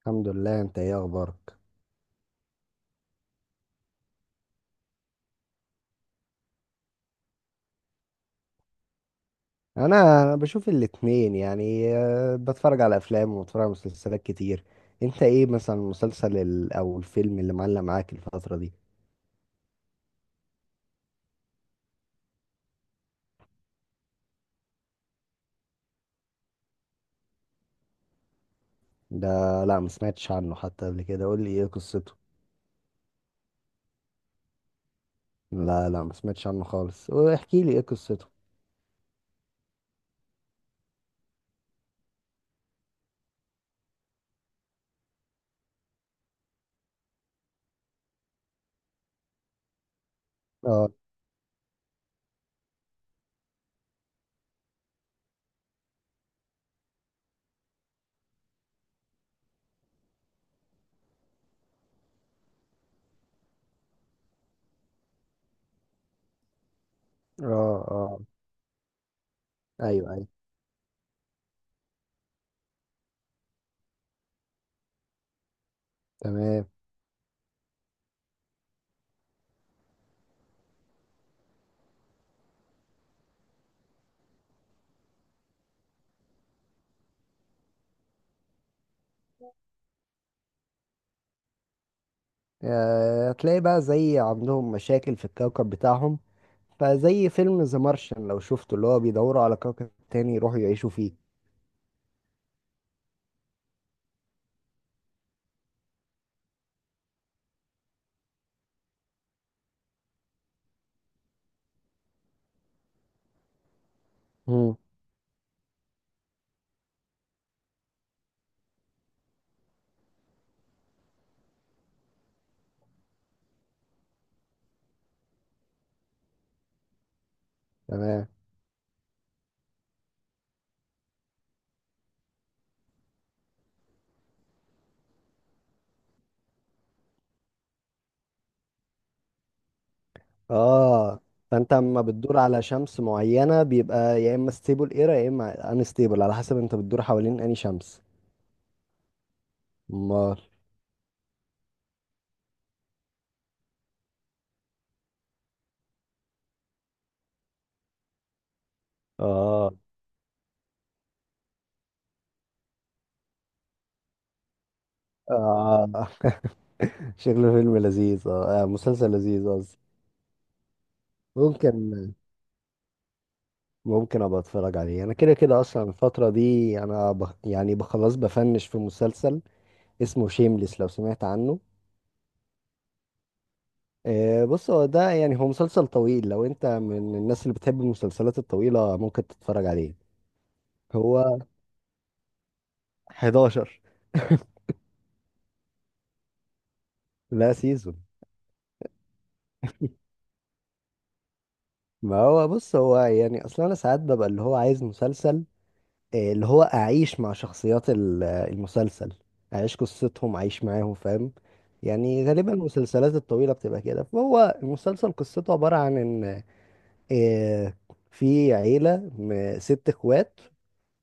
الحمد لله. انت ايه اخبارك؟ انا بشوف الاتنين يعني، بتفرج على افلام وبتفرج على مسلسلات كتير. انت ايه مثلا المسلسل او الفيلم اللي معلق معاك الفترة دي؟ ده لا، ما سمعتش عنه حتى قبل كده، قول لي ايه قصته. لا لا، ما سمعتش عنه خالص، واحكي لي ايه قصته. اه، اه، اه. ايوه، ايوه. تمام. هتلاقي بقى زي عندهم مشاكل في الكوكب بتاعهم، فزي فيلم ذا مارشن لو شفته، اللي هو بيدوروا على كوكب تاني يروحوا يعيشوا فيه. مم. تمام. اه. فانت اما بتدور على شمس معينة بيبقى يا اما ستيبل ايرا يا اما انستيبل، على حسب انت بتدور حوالين انهي شمس. امال. اه، اه. شكله فيلم لذيذ. اه، مسلسل لذيذ قصدي. ممكن، ممكن ابقى اتفرج عليه. انا كده كده اصلا الفترة دي انا يعني بخلص بفنش في مسلسل اسمه شيمليس، لو سمعت عنه. بص، هو ده، يعني هو مسلسل طويل. لو انت من الناس اللي بتحب المسلسلات الطويلة ممكن تتفرج عليه. هو 11. لا، سيزون. ما هو بص، هو يعني اصلا انا ساعات ببقى اللي هو عايز مسلسل، اللي هو اعيش مع شخصيات المسلسل، اعيش قصتهم، اعيش معاهم، فاهم؟ يعني غالبا المسلسلات الطويلة بتبقى كده. فهو المسلسل قصته عبارة عن ان آه، في عيلة ست اخوات،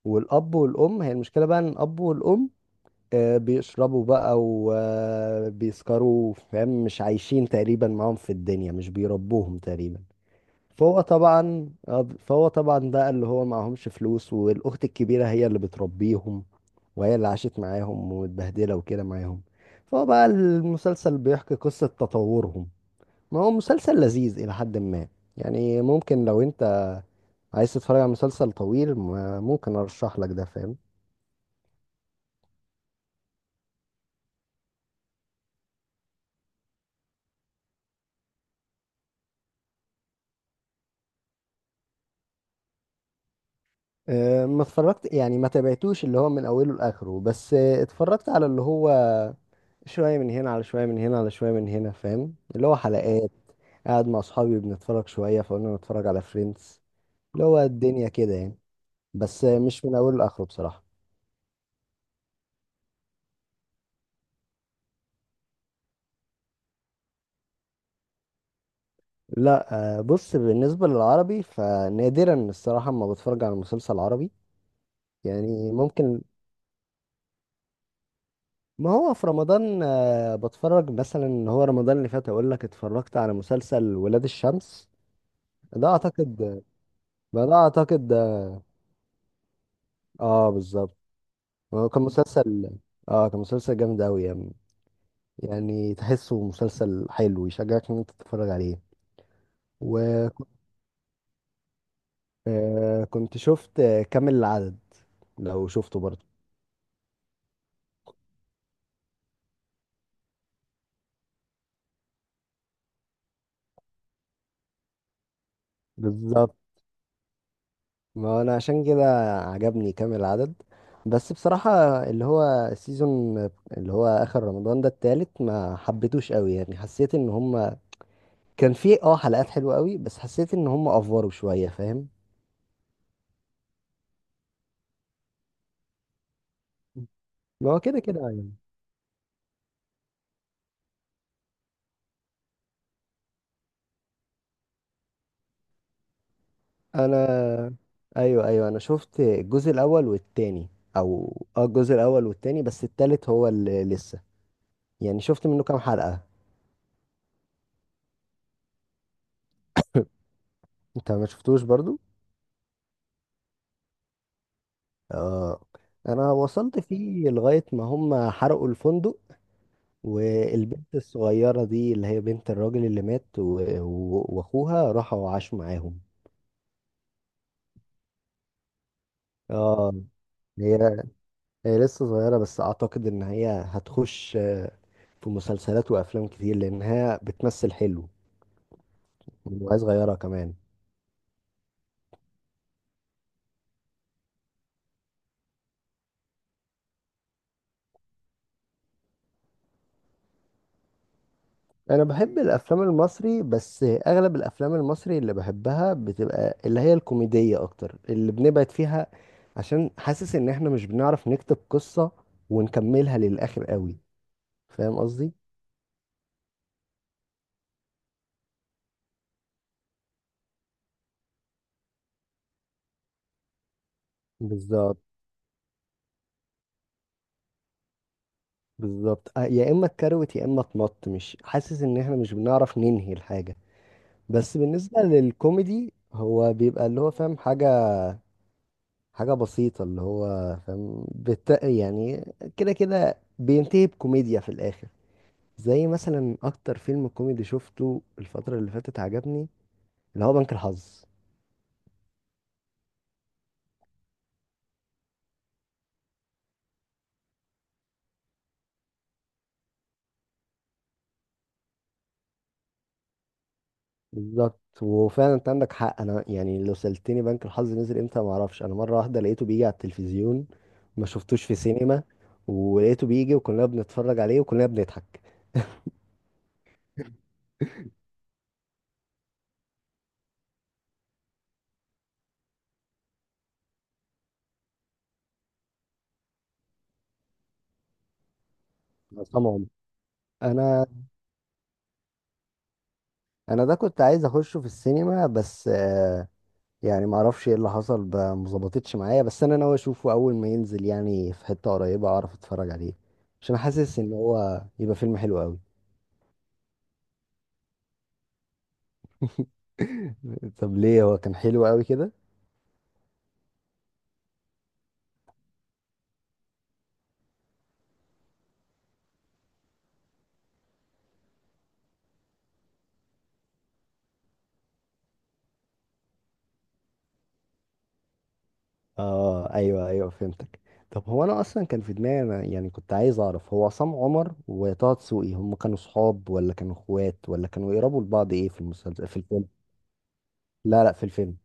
والاب والام. هي المشكلة بقى ان الاب والام بيشربوا بقى وبيسكروا، فاهم؟ مش عايشين تقريبا معاهم في الدنيا، مش بيربوهم تقريبا. فهو طبعا فهو طبعا ده اللي هو معهمش فلوس، والاخت الكبيره هي اللي بتربيهم، وهي اللي عاشت معاهم ومتبهدله وكده معاهم. فهو بقى المسلسل بيحكي قصه تطورهم. ما هو مسلسل لذيذ الى حد ما، يعني. ممكن لو انت عايز تتفرج على مسلسل طويل ممكن ارشح لك ده، فاهم؟ أه، ما اتفرجت، يعني ما تابعتوش اللي هو من اوله لاخره، بس أه، اتفرجت على اللي هو شوية من هنا على شوية من هنا على شوية من هنا، فاهم؟ اللي هو حلقات. قاعد مع أصحابي بنتفرج شوية فقلنا نتفرج على فريندز، اللي هو الدنيا كده يعني. بس مش من أوله لآخره بصراحة. لا. بص، بالنسبة للعربي فنادرا الصراحة ما بتفرج على مسلسل عربي. يعني ممكن، ما هو في رمضان بتفرج. مثلا هو رمضان اللي فات أقول لك اتفرجت على مسلسل ولاد الشمس. ده أعتقد، ما ده أعتقد ده- اه، بالظبط. هو كان مسلسل، اه، كان مسلسل جامد أوي يعني. يعني تحسه مسلسل حلو، يشجعك ان انت تتفرج عليه. وكنت شفت كامل العدد، لو شفته برضه. بالظبط، ما انا عشان كده عجبني كامل العدد. بس بصراحة اللي هو السيزون اللي هو اخر رمضان ده، التالت، ما حبيتوش قوي يعني. حسيت ان هم كان فيه اه حلقات حلوة قوي، بس حسيت ان هم افوروا شوية، فاهم؟ ما هو كده كده يعني. انا، ايوه، ايوه، انا شفت الجزء الاول والتاني، او اه الجزء الاول والتاني، بس التالت هو اللي لسه، يعني شفت منه كام حلقة. انت ما شفتوش برضو؟ اه. انا وصلت فيه لغاية ما هم حرقوا الفندق، والبنت الصغيرة دي اللي هي بنت الراجل اللي مات واخوها راحوا عاشوا معاهم. اه. هي هي لسه صغيرة، بس اعتقد ان هي هتخش في مسلسلات وافلام كتير لانها بتمثل حلو، وهي صغيرة كمان. أنا بحب الأفلام المصري، بس أغلب الأفلام المصري اللي بحبها بتبقى اللي هي الكوميدية أكتر، اللي بنبعد فيها عشان حاسس إن إحنا مش بنعرف نكتب قصة ونكملها للآخر قوي، فاهم قصدي؟ بالظبط، بالظبط. يا إما اتكروت يا إما اتمط. مش حاسس إن إحنا مش بنعرف ننهي الحاجة. بس بالنسبة للكوميدي هو بيبقى اللي هو فاهم حاجة، حاجة بسيطة اللي هو فاهم يعني كده كده بينتهي بكوميديا في الآخر. زي مثلا أكتر فيلم كوميدي شفته الفترة اللي فاتت عجبني اللي هو بنك الحظ. بالظبط، وفعلا انت عندك حق. انا يعني لو سألتني بنك الحظ نزل امتى ما اعرفش. انا مرة واحدة لقيته بيجي على التلفزيون، ما شفتوش في سينما، ولقيته بيجي وكلنا بنتفرج عليه وكلنا بنضحك. طبعا. انا انا ده كنت عايز اخشه في السينما، بس يعني ما اعرفش ايه اللي حصل، ما ظبطتش معايا. بس انا ناوي اشوفه اول ما ينزل، يعني في حتة قريبة اعرف اتفرج عليه، عشان حاسس ان هو يبقى فيلم حلو قوي. طب ليه؟ هو كان حلو قوي كده؟ اه، ايوه، ايوه، فهمتك. طب هو انا اصلا كان في دماغي انا، يعني كنت عايز اعرف، هو عصام عمر وطه دسوقي هم كانوا صحاب ولا كانوا اخوات ولا كانوا يقربوا لبعض ايه، في المسلسل، في الفيلم؟ لا لا، في الفيلم.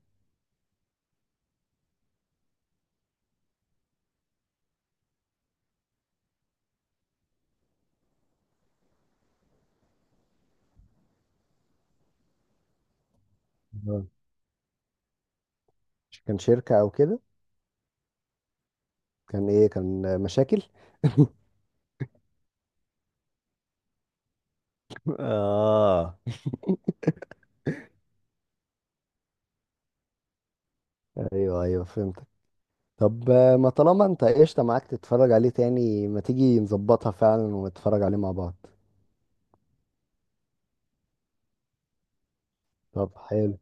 آه. كان شركة او كده؟ كان ايه؟ كان مشاكل؟ اه، ايوه، ايوه، فهمت. طب ما طالما انت قشطة معاك تتفرج عليه تاني، ما تيجي نظبطها فعلا ونتفرج عليه مع بعض. طب حلو.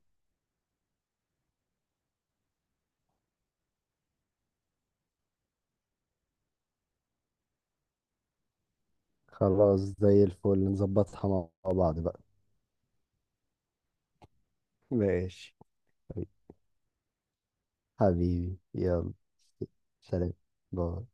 خلاص، زي الفل، نظبطها مع بعض بقى. ماشي. حبيبي، يلا. سلام. باي.